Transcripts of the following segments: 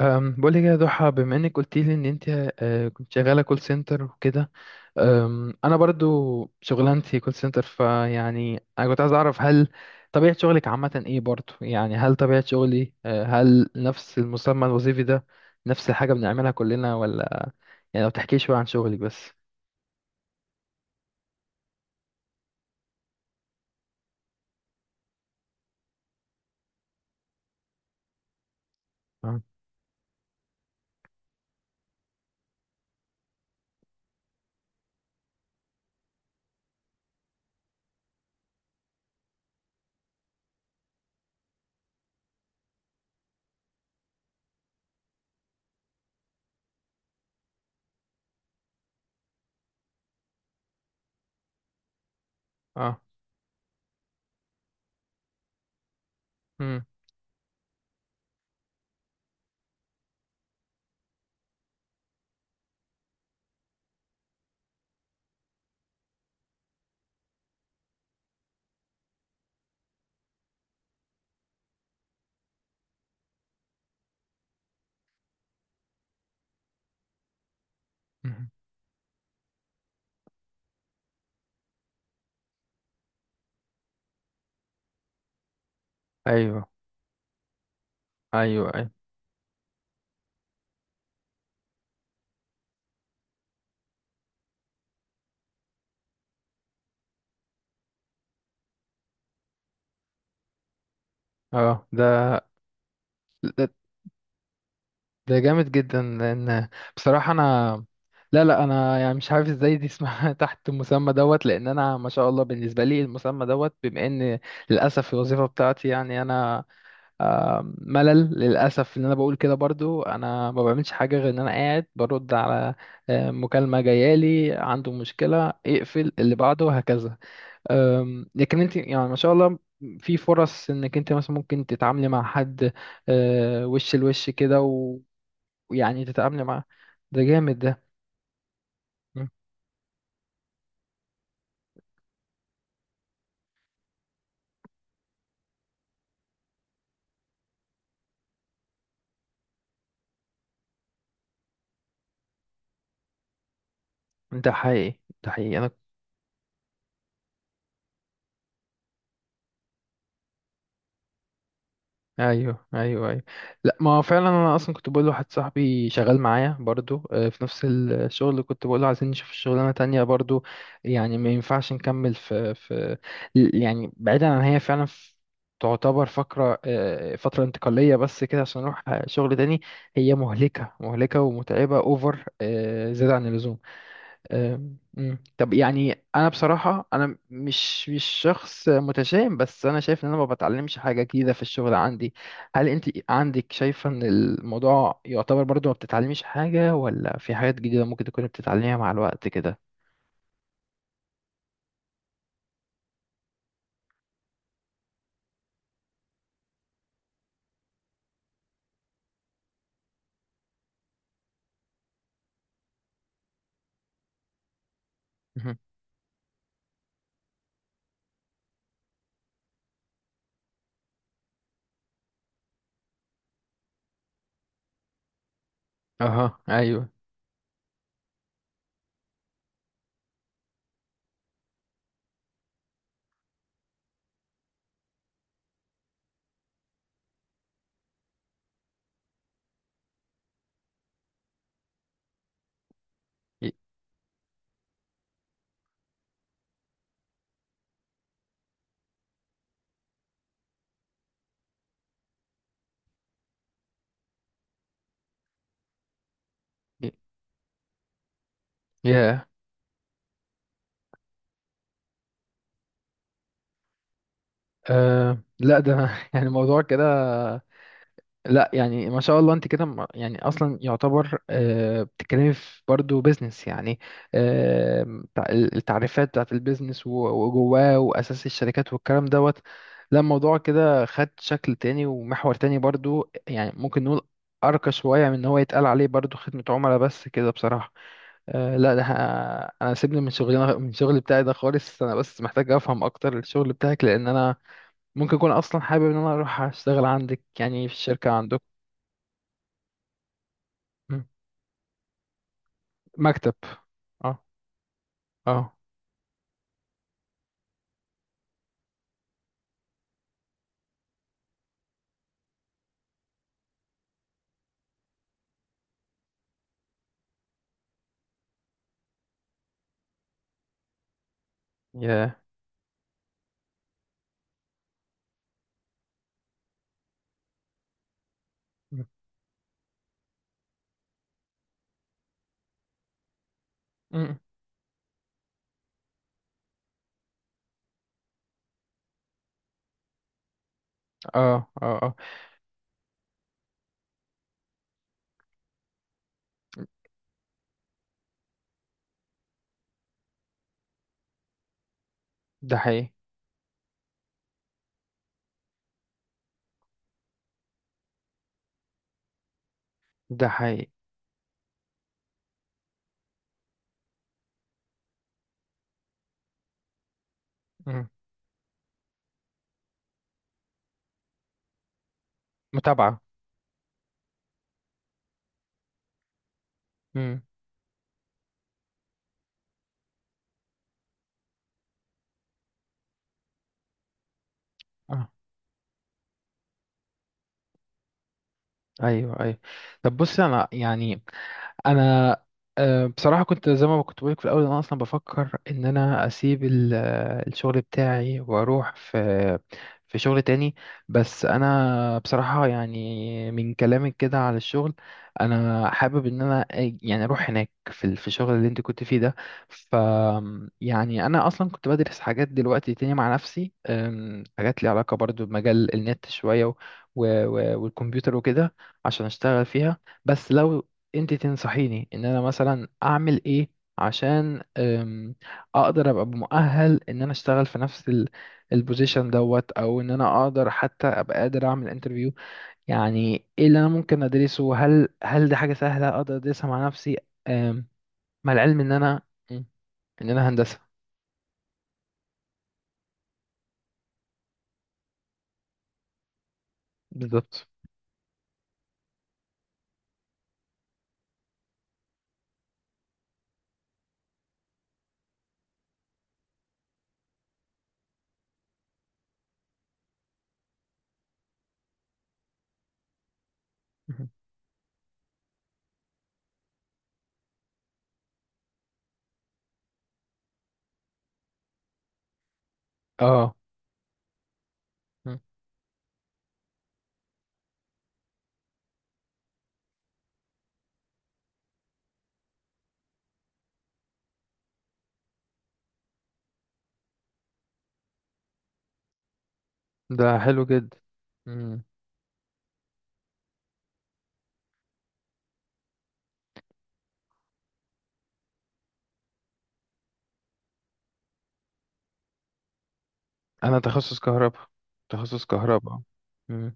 بقول لك يا ضحى، بما انك قلت لي ان انت كنت شغاله كول سنتر وكده. انا برضو شغلانتي كول سنتر، فيعني انا كنت عايز اعرف، هل طبيعه شغلك عامه ايه برضو؟ يعني هل طبيعه شغلي أه، هل نفس المسمى الوظيفي ده نفس الحاجه بنعملها كلنا ولا؟ يعني لو تحكي شويه عن شغلك بس. اه. اه. مم. مم. ايوه، ايوه، ايوه. اه. ده جامد جدا، لان بصراحه انا، لا، لا، انا يعني مش عارف ازاي دي اسمها تحت المسمى دوت، لان انا ما شاء الله بالنسبه لي المسمى دوت، بما ان للاسف الوظيفه بتاعتي، يعني انا، ملل للاسف. ان انا بقول كده برضو انا ما بعملش حاجه غير ان انا قاعد برد على مكالمه جايالي عنده مشكله، اقفل اللي بعده، وهكذا. لكن انت يعني ما شاء الله، في فرص انك انت مثلا ممكن تتعاملي مع حد وش لوش كده، يعني تتعاملي معاه. ده جامد ده. مم. ده حقيقي، ده حقيقي، انا. ايوه، ايوه، ايوه. لا، ما هو فعلا انا اصلا كنت بقول لواحد صاحبي شغال معايا برضو في نفس الشغل، اللي كنت بقول له عايزين نشوف شغلانه تانية برضو. يعني ما ينفعش نكمل في يعني بعيدا عن هي فعلا في، تعتبر فقرة آه، فترة انتقالية بس كده، عشان نروح شغل تاني. هي مهلكة مهلكة ومتعبة اوفر، زيادة عن اللزوم. مم. طب يعني انا بصراحه، انا مش شخص متشائم، بس انا شايف ان انا ما بتعلمش حاجه جديده في الشغل عندي. هل انت عندك شايفه ان الموضوع يعتبر برضو ما بتتعلميش حاجه، ولا في حاجات جديده ممكن تكون بتتعلميها مع الوقت كده؟ مهم. اها، ايوه. ي- ي- يا، أه، لا، ده يعني الموضوع كده. لا يعني، ما شاء الله، انت كده يعني اصلا يعتبر بتتكلمي في برضه بيزنس يعني. التعريفات بتاعت البيزنس و- وجواه واساس الشركات والكلام دوت. لا، الموضوع كده خد شكل تاني ومحور تاني برضه، يعني ممكن نقول ارقى شويه من ان هو يتقال عليه برضه خدمه عملاء بس كده، بصراحه. لا، ده انا سيبني من شغلي بتاعي ده خالص. انا بس محتاج افهم اكتر الشغل بتاعك، لان انا ممكن اكون اصلا حابب ان انا اروح اشتغل عندك، يعني في الشركه عندكم. مم. مكتب. اه. اه. ياه. مم. مم. اه. اه. اه. ده حقيقي، ده حقيقي. مم. متابعة. مم. اه. ايوه، ايوه. طب بص، انا يعني انا، بصراحه كنت زي ما كنت بقولك في الاول، انا اصلا بفكر ان انا اسيب الشغل بتاعي واروح في شغل تاني. بس انا بصراحه، يعني من كلامك كده على الشغل، انا حابب ان انا يعني اروح هناك في في الشغل اللي انت كنت فيه ده. ف يعني انا اصلا كنت بدرس حاجات دلوقتي تاني مع نفسي. حاجات ليها علاقه برضو بمجال النت شويه والكمبيوتر وكده، عشان اشتغل فيها. بس لو انت تنصحيني ان انا مثلا اعمل ايه، عشان اقدر ابقى مؤهل ان انا اشتغل في نفس البوزيشن دوت، او ان انا اقدر حتى ابقى قادر اعمل انترفيو. يعني ايه اللي انا ممكن ادرسه؟ هل دي حاجة سهلة اقدر ادرسها مع نفسي؟ أم، مع العلم ان انا هندسة. بالظبط. مهم. اه. مم. ده حلو جدا. مم. انا تخصص كهرباء، تخصص كهرباء. مم.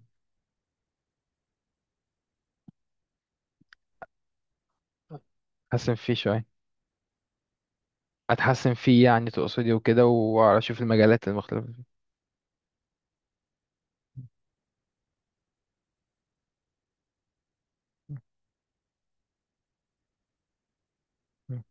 حاسس إن في شوية اتحسن فيه يعني، تقصدي وكده، واشوف المجالات المختلفة. مم.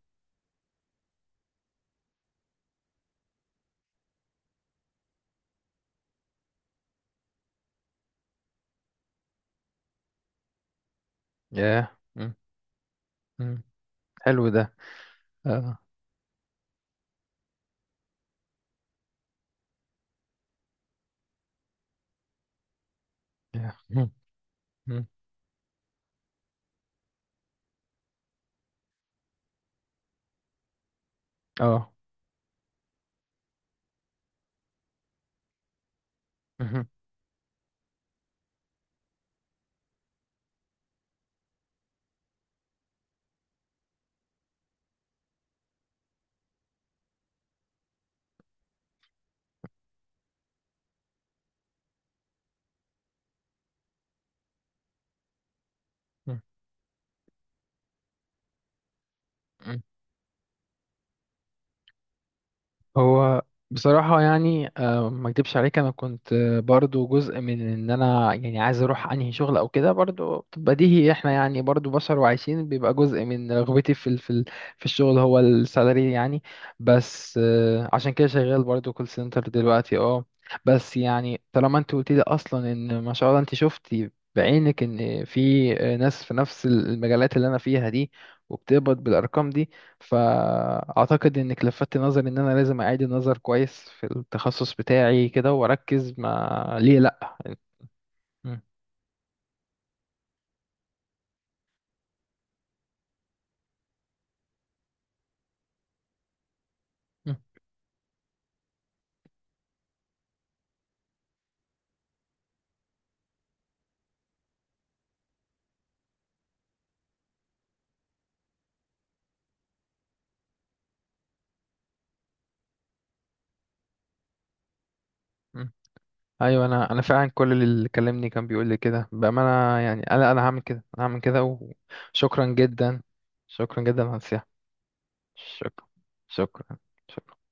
ياه. مم. مم. حلو ده. اه. ياه. مم. مم. اه. مهم. مم. هو بصراحة يعني ما اكدبش عليك، انا كنت برضو جزء من ان انا يعني عايز اروح انهي شغل او كده، برضو بديهي، احنا يعني برضو بشر وعايشين، بيبقى جزء من رغبتي في الشغل هو السالري يعني. بس عشان كده شغال برضو كول سنتر دلوقتي، اه. بس يعني طالما انت قلت لي اصلا ان ما شاء الله انت شفتي بعينك ان في ناس في نفس المجالات اللي انا فيها دي، وبتقبض بالارقام دي، فأعتقد إنك لفتت نظري إن أنا لازم أعيد النظر كويس في التخصص بتاعي كده، وأركز ما ليه لأ. م- م- م. أيوة، أنا فعلا كل اللي كلمني كان بيقول لي كده بأمانة، يعني أنا هعمل كده، أنا هعمل كده. وشكرا جدا. شكرا جدا على النصيحة. شكرا. شكرا. شكرا.